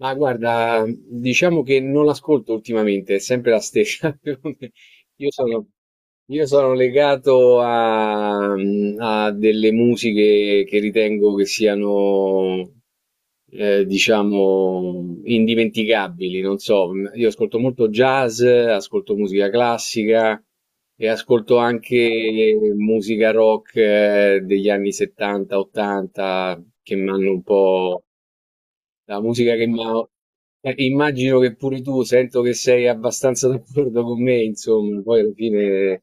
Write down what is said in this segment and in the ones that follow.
Ma guarda, diciamo che non l'ascolto ultimamente, è sempre la stessa. Io sono, io sono legato a, a delle musiche che ritengo che siano, diciamo, indimenticabili. Non so, io ascolto molto jazz, ascolto musica classica e ascolto anche musica rock degli anni 70-80 che mi hanno un po'. La musica che mi ha... immagino che pure tu, sento che sei abbastanza d'accordo con me, insomma, poi alla fine.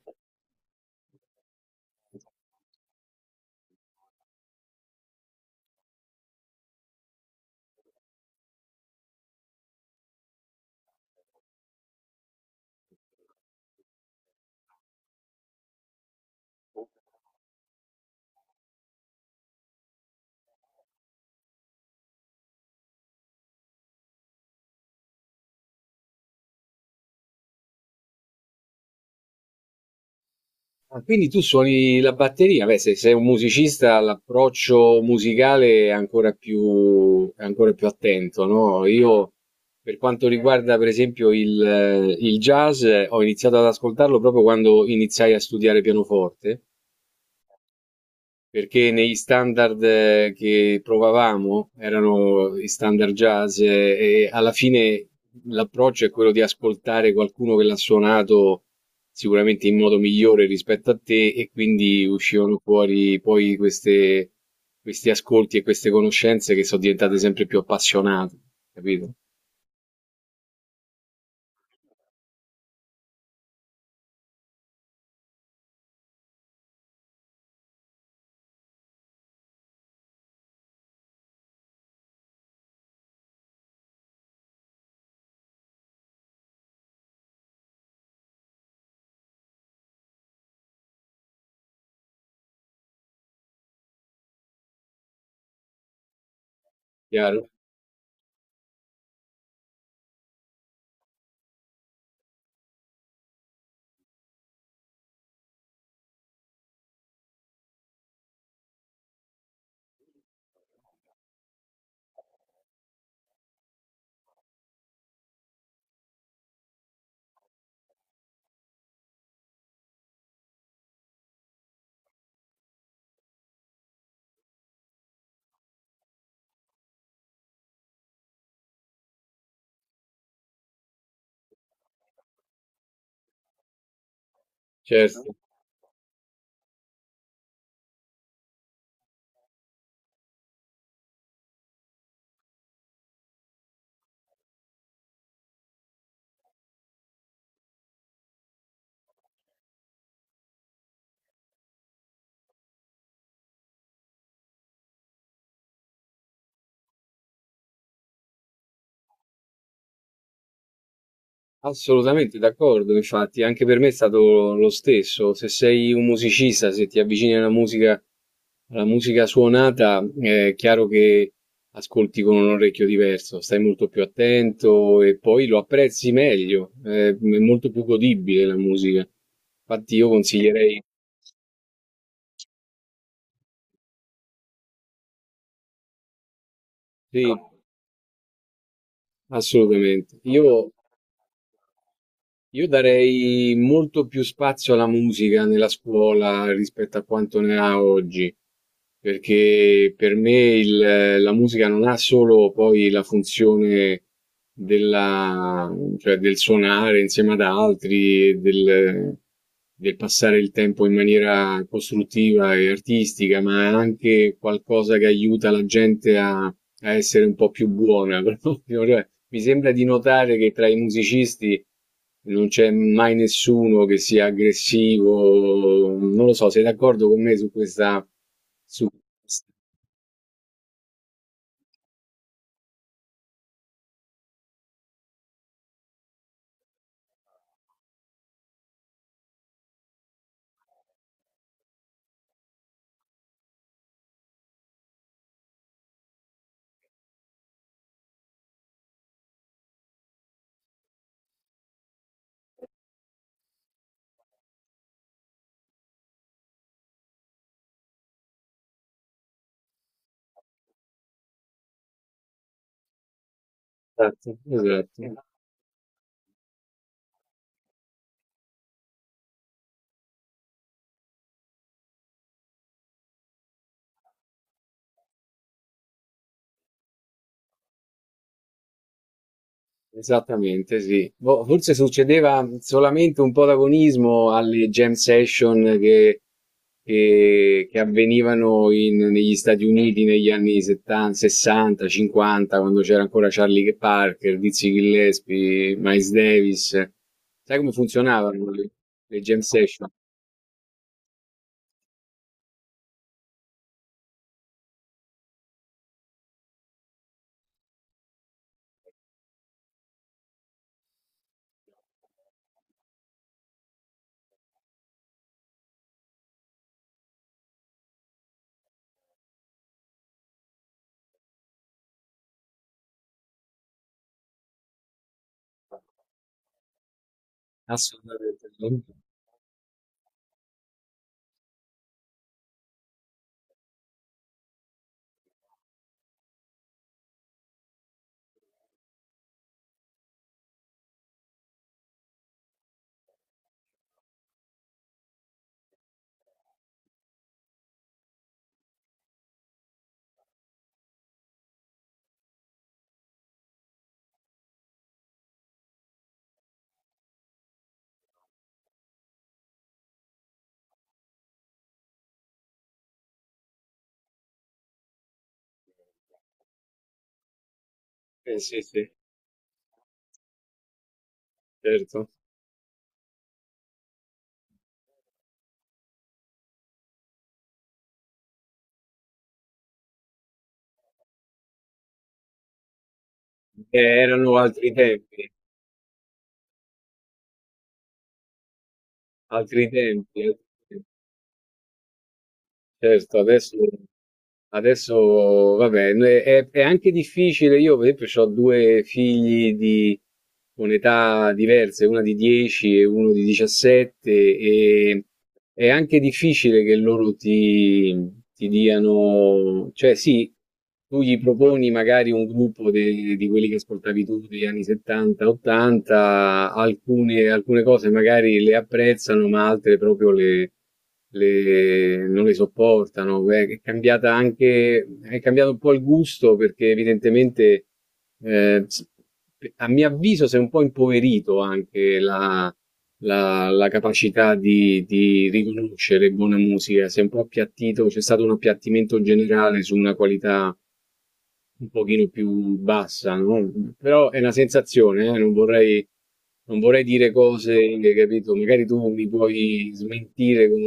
Ah, quindi tu suoni la batteria, beh, se sei un musicista l'approccio musicale è è ancora più attento, no? Io, per quanto riguarda per esempio il jazz, ho iniziato ad ascoltarlo proprio quando iniziai a studiare pianoforte perché negli standard che provavamo erano i standard jazz e alla fine l'approccio è quello di ascoltare qualcuno che l'ha suonato sicuramente in modo migliore rispetto a te e quindi uscivano fuori poi questi ascolti e queste conoscenze che sono diventate sempre più appassionate, capito? Chiaro? Certo. Assolutamente d'accordo, infatti, anche per me è stato lo stesso. Se sei un musicista, se ti avvicini alla musica suonata, è chiaro che ascolti con un orecchio diverso, stai molto più attento e poi lo apprezzi meglio, è molto più godibile la musica. Infatti io consiglierei, sì, assolutamente. Io darei molto più spazio alla musica nella scuola rispetto a quanto ne ha oggi, perché per me la musica non ha solo poi la funzione della- cioè del suonare insieme ad altri, del passare il tempo in maniera costruttiva e artistica, ma è anche qualcosa che aiuta la gente a essere un po' più buona, proprio. Cioè, mi sembra di notare che tra i musicisti non c'è mai nessuno che sia aggressivo. Non lo so, sei d'accordo con me su questa... Su... Esatto, esatto. Esattamente, sì. Boh, forse succedeva solamente un po' d'agonismo alle jam session che avvenivano negli Stati Uniti negli anni 70, 60, 50, quando c'era ancora Charlie Parker, Dizzy Gillespie, Miles Davis. Sai come funzionavano le jam session? Assolutamente no. Sì, sì, certo. Erano altri tempi, altri tempi, altri tempi. Certo, adesso, adesso vabbè, è anche difficile, io per esempio ho due figli con età diverse, una di 10 e uno di 17, e è anche difficile che loro ti, ti diano, cioè sì, tu gli proponi magari un gruppo di quelli che ascoltavi tu degli anni 70, 80, alcune cose magari le apprezzano, ma altre proprio non le sopportano. È cambiata anche, è cambiato un po' il gusto perché evidentemente eh, a mio avviso si è un po' impoverito anche la capacità di riconoscere buona musica, si è un po' appiattito, c'è stato un appiattimento generale su una qualità un pochino più bassa, no, però è una sensazione, non vorrei dire cose, capito, magari tu mi puoi smentire con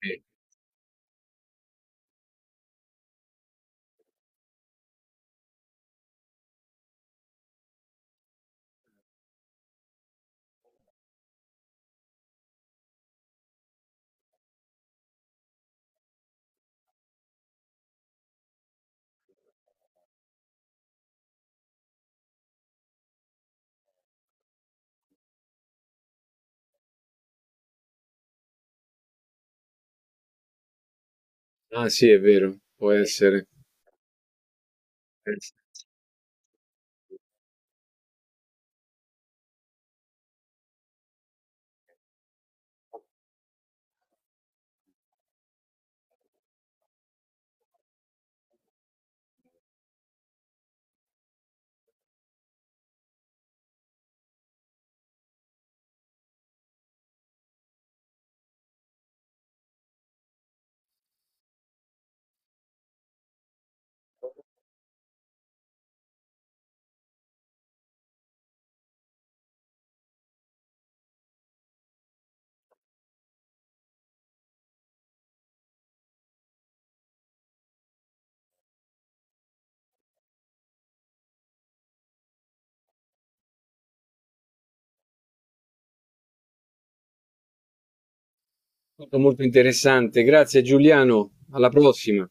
sì. Ah sì, è vero, può essere. È stato molto interessante. Grazie Giuliano, alla prossima.